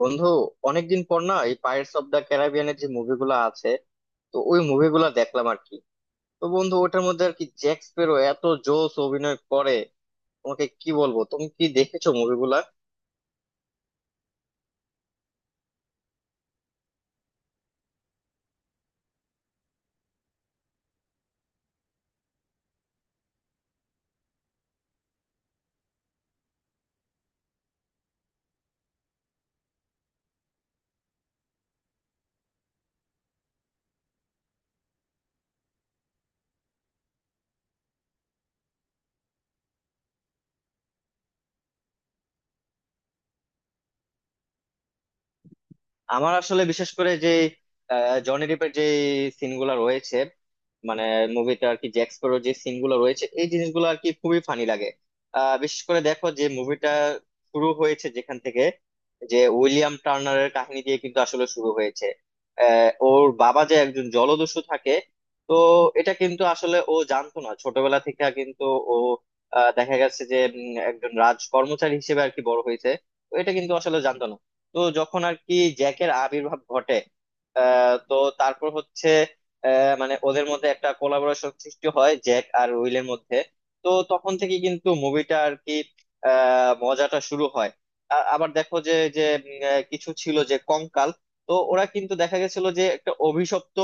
বন্ধু, অনেকদিন পর না এই পাইরেটস অফ দ্য ক্যারিবিয়ানের যে মুভিগুলো আছে, তো ওই মুভিগুলো দেখলাম আর কি। তো বন্ধু, ওটার মধ্যে আর কি জ্যাক স্প্যারো এত জোস অভিনয় করে, তোমাকে কি বলবো। তুমি কি দেখেছো মুভিগুলা? আমার আসলে বিশেষ করে যে জনি ডিপের যে সিনগুলো রয়েছে, মানে মুভিতে আর কি জ্যাক স্প্যারোর যে সিনগুলো রয়েছে, এই জিনিসগুলো আর কি খুবই ফানি লাগে। বিশেষ করে দেখো যে মুভিটা শুরু হয়েছে যেখান থেকে, যে উইলিয়াম টার্নারের কাহিনী দিয়ে কিন্তু আসলে শুরু হয়েছে। ওর বাবা যে একজন জলদস্যু থাকে, তো এটা কিন্তু আসলে ও জানতো না ছোটবেলা থেকে কিন্তু। ও দেখা গেছে যে একজন রাজ কর্মচারী হিসেবে আর কি বড় হয়েছে, তো এটা কিন্তু আসলে জানতো না। তো যখন আর কি জ্যাকের আবির্ভাব ঘটে, তো তারপর হচ্ছে মানে ওদের মধ্যে একটা কোলাবোরেশন সৃষ্টি হয় জ্যাক আর উইলের মধ্যে। তো তখন থেকে কিন্তু মুভিটা আর কি মজাটা শুরু হয়। আবার দেখো যে যে উম, আহ, কিছু ছিল যে কঙ্কাল। তো ওরা কিন্তু দেখা গেছিল যে একটা অভিশপ্ত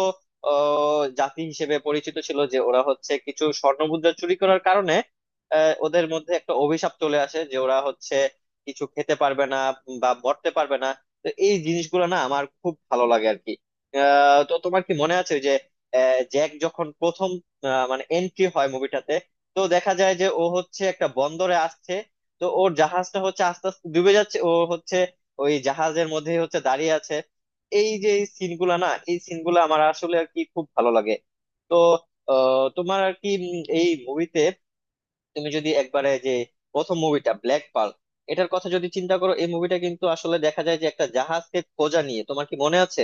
জাতি হিসেবে পরিচিত ছিল, যে ওরা হচ্ছে কিছু স্বর্ণমুদ্রা চুরি করার কারণে ওদের মধ্যে একটা অভিশাপ চলে আসে, যে ওরা হচ্ছে কিছু খেতে পারবে না বা মরতে পারবে না। তো এই জিনিসগুলো না আমার খুব ভালো লাগে আর কি। তো তোমার কি মনে আছে ওই যে জ্যাক যখন প্রথম মানে এন্ট্রি হয় মুভিটাতে, তো দেখা যায় যে ও হচ্ছে একটা বন্দরে আসছে, তো ওর জাহাজটা হচ্ছে আস্তে আস্তে ডুবে যাচ্ছে, ও হচ্ছে ওই জাহাজের মধ্যে হচ্ছে দাঁড়িয়ে আছে। এই যে সিনগুলা না, এই সিনগুলো আমার আসলে আর কি খুব ভালো লাগে। তো তোমার আর কি এই মুভিতে তুমি যদি একবারে যে প্রথম মুভিটা ব্ল্যাক পার্ল এটার কথা যদি চিন্তা করো, এই মুভিটা কিন্তু আসলে দেখা যায় যে একটা জাহাজকে খোঁজা নিয়ে, তোমার কি মনে আছে?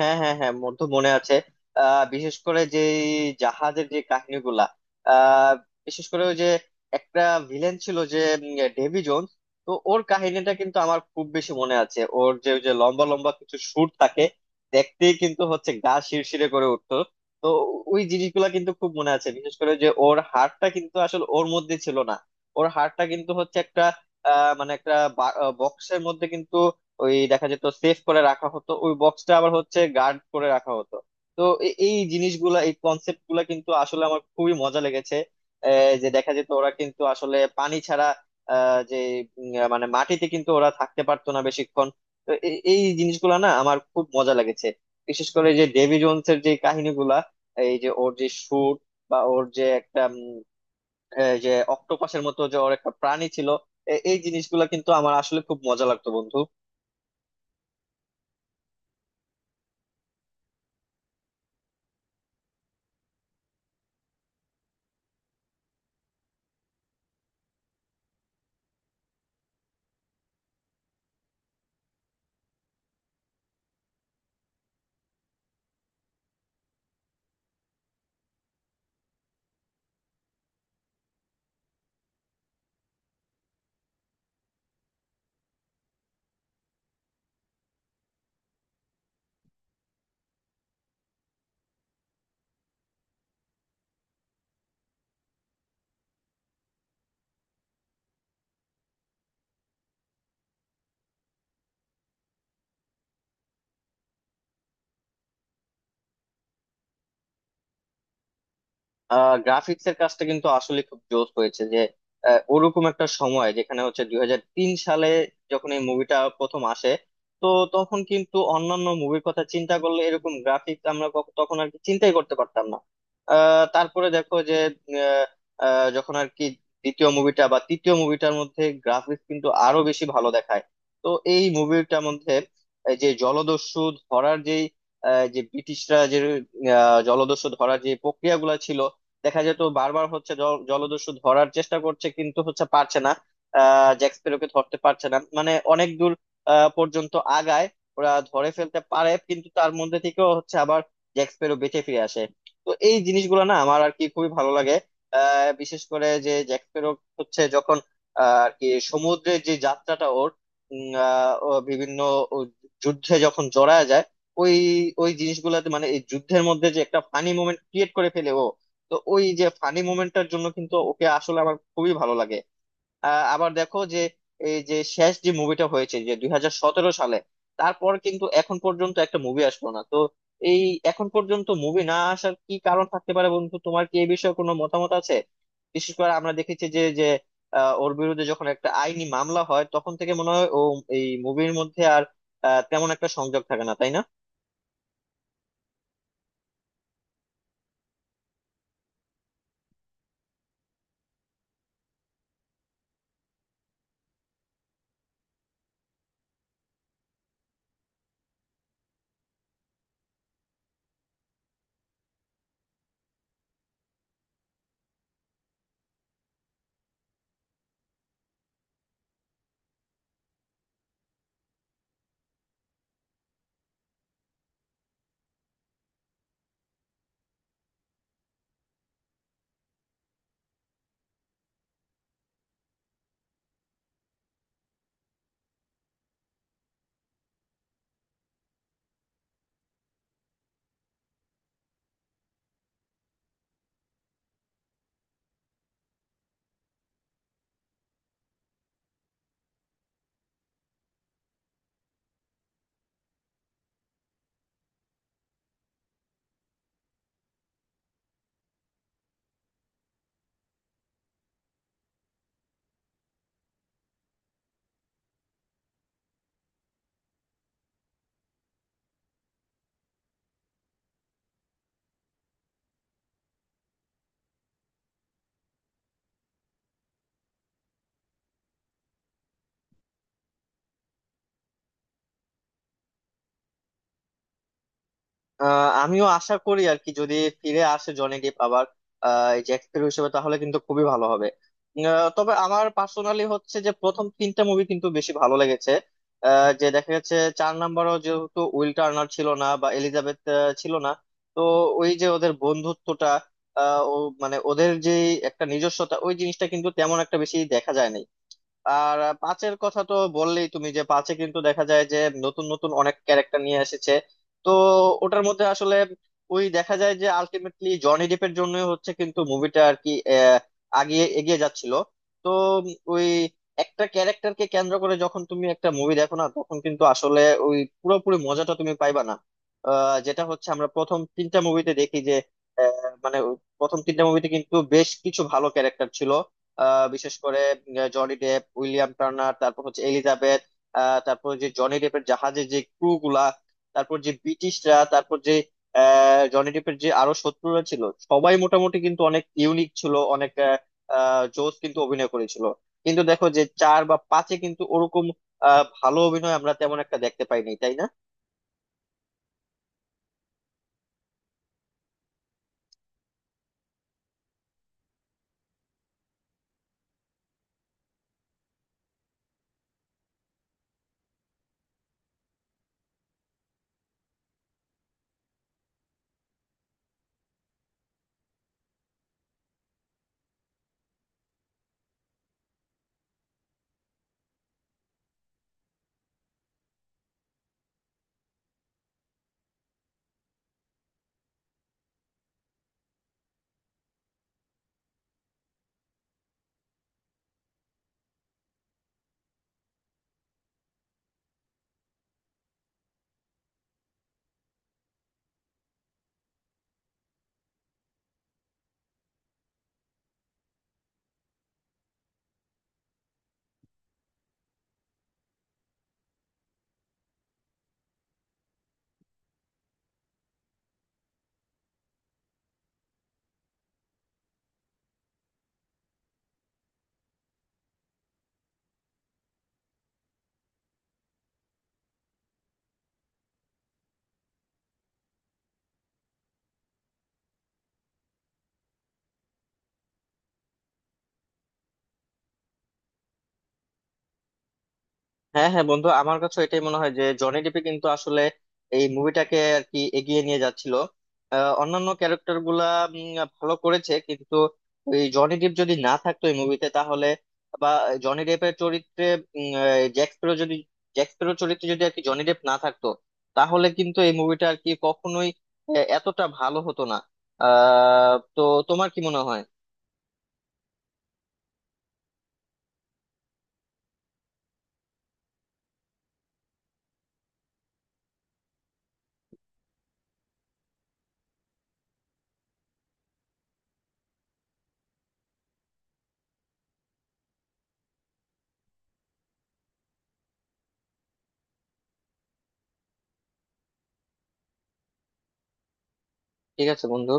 হ্যাঁ, হ্যাঁ, হ্যাঁ, মোর তো মনে আছে। বিশেষ করে যে এই জাহাজের যে কাহিনীগুলা, আহ বিশেষ করে ওই যে একটা ভিলেন ছিল যে ডেভি জোন্স। তো ওর কাহিনীটা কিন্তু আমার খুব বেশি মনে আছে। ওর যে ওই যে লম্বা লম্বা কিছু সুর থাকে, দেখতেই কিন্তু হচ্ছে গা শিরশিরে করে উঠতো। তো ওই জিনিসগুলা কিন্তু খুব মনে আছে। বিশেষ করে যে ওর হাড়টা কিন্তু আসলে ওর মধ্যে ছিল না, ওর হাড়টা কিন্তু হচ্ছে একটা মানে একটা বক্সের মধ্যে কিন্তু ওই দেখা যেত, সেফ করে রাখা হতো, ওই বক্সটা আবার হচ্ছে গার্ড করে রাখা হতো। তো এই জিনিসগুলা, এই কনসেপ্ট গুলা কিন্তু আসলে আমার খুবই মজা লেগেছে। যে দেখা যেত ওরা কিন্তু আসলে পানি ছাড়া আহ, যে উম, আহ, মানে মাটিতে কিন্তু ওরা থাকতে পারতো না বেশিক্ষণ। তো এই জিনিসগুলা না আমার খুব মজা লেগেছে। বিশেষ করে যে ডেভি জোনস এর যে কাহিনীগুলা, এই যে ওর যে শুট, বা ওর যে একটা এই যে অক্টোপাসের মতো যে ওর একটা প্রাণী ছিল। এই জিনিসগুলা কিন্তু আমার আসলে খুব মজা লাগতো বন্ধু। গ্রাফিক্স এর কাজটা কিন্তু আসলে খুব জোস হয়েছে। যে ওরকম একটা সময় যেখানে হচ্ছে 2003 সালে যখন এই মুভিটা প্রথম আসে, তো তখন কিন্তু অন্যান্য মুভির কথা চিন্তা করলে এরকম গ্রাফিক্স আমরা তখন আর কি চিন্তাই করতে পারতাম না। তারপরে দেখো যে আহ, আহ, যখন আর কি দ্বিতীয় মুভিটা বা তৃতীয় মুভিটার মধ্যে গ্রাফিক্স কিন্তু আরো বেশি ভালো দেখায়। তো এই মুভিটার মধ্যে এই যে জলদস্যু ধরার যেই যে ব্রিটিশরা যে জলদস্যু ধরার যে প্রক্রিয়াগুলো ছিল, দেখা যেত বারবার হচ্ছে জলদস্যু ধরার চেষ্টা করছে কিন্তু হচ্ছে পারছে না। জ্যাক স্প্যারোকে ধরতে পারছে না, মানে অনেক দূর পর্যন্ত আগায়, ওরা ধরে ফেলতে পারে কিন্তু তার মধ্যে থেকেও হচ্ছে আবার জ্যাক স্প্যারো বেঁচে ফিরে আসে। তো এই জিনিসগুলো না আমার আর কি খুবই ভালো লাগে। বিশেষ করে যে জ্যাক স্প্যারো হচ্ছে যখন আর কি সমুদ্রের যে যাত্রাটা ওর, ও বিভিন্ন ও যুদ্ধে যখন জড়ায় যায়, ওই ওই জিনিসগুলোতে মানে এই যুদ্ধের মধ্যে যে একটা ফানি মোমেন্ট ক্রিয়েট করে ফেলে ও। তো ওই যে ফানি মোমেন্টটার জন্য কিন্তু ওকে আসলে আমার খুবই ভালো লাগে। আবার দেখো যে এই যে শেষ যে মুভিটা হয়েছে যে 2017 সালে, তারপর কিন্তু এখন পর্যন্ত একটা মুভি আসলো না তো। এই এখন পর্যন্ত মুভি না আসার কি কারণ থাকতে পারে বন্ধু? তোমার কি এই বিষয়ে কোনো মতামত আছে? বিশেষ করে আমরা দেখেছি যে যে আহ, ওর বিরুদ্ধে যখন একটা আইনি মামলা হয় তখন থেকে মনে হয় ও এই মুভির মধ্যে আর তেমন একটা সংযোগ থাকে না, তাই না? আমিও আশা করি আর কি যদি ফিরে আসে জনি ডিপ আবার, এই যে অ্যাক্টর হিসেবে, তাহলে কিন্তু খুবই ভালো হবে। তবে আমার পার্সোনালি হচ্ছে যে প্রথম তিনটা মুভি কিন্তু বেশি ভালো লেগেছে। যে দেখা যাচ্ছে চার নাম্বারও যেহেতু উইল টার্নার ছিল না বা এলিজাবেথ ছিল না, তো ওই যে ওদের বন্ধুত্বটা, ও মানে ওদের যে একটা নিজস্বতা, ওই জিনিসটা কিন্তু তেমন একটা বেশি দেখা যায় না। আর পাঁচের কথা তো বললেই তুমি, যে পাঁচে কিন্তু দেখা যায় যে নতুন নতুন অনেক ক্যারেক্টার নিয়ে এসেছে। তো ওটার মধ্যে আসলে ওই দেখা যায় যে আলটিমেটলি জনি ডেপের জন্য হচ্ছে কিন্তু মুভিটা আর কি আগিয়ে এগিয়ে যাচ্ছিল। তো ওই একটা ক্যারেক্টারকে কেন্দ্র করে যখন তুমি একটা মুভি দেখো না, তখন কিন্তু আসলে ওই পুরোপুরি মজাটা তুমি পাইবা না। যেটা হচ্ছে আমরা প্রথম তিনটা মুভিতে দেখি যে মানে প্রথম তিনটা মুভিতে কিন্তু বেশ কিছু ভালো ক্যারেক্টার ছিল। বিশেষ করে জনি ডেপ, উইলিয়াম টার্নার, তারপর হচ্ছে এলিজাবেথ, তারপর যে জনি ডেপের জাহাজের যে ক্রু গুলা, তারপর যে ব্রিটিশরা, তারপর যে জনি ডেপের যে আরো শত্রুরা ছিল, সবাই মোটামুটি কিন্তু অনেক ইউনিক ছিল, অনেক আহ, আহ, জোস কিন্তু অভিনয় করেছিল। কিন্তু দেখো যে চার বা পাঁচে কিন্তু ওরকম ভালো অভিনয় আমরা তেমন একটা দেখতে পাইনি, তাই না? হ্যাঁ, হ্যাঁ বন্ধু, আমার কাছে এটাই মনে হয় যে জনি ডিপে কিন্তু আসলে এই মুভিটাকে আর কি এগিয়ে নিয়ে যাচ্ছিল। অন্যান্য ক্যারেক্টার গুলা উম, ভালো করেছে কিন্তু এই জনি ডিপ যদি না থাকতো এই মুভিতে তাহলে, বা জনি ডেপের চরিত্রে জ্যাক স্প্যারো যদি, জ্যাক স্প্যারো চরিত্রে যদি আর কি জনি ডেপ না থাকতো, তাহলে কিন্তু এই মুভিটা আর কি কখনোই এতটা ভালো হতো না। তো তোমার কি মনে হয়? ঠিক আছে বন্ধু।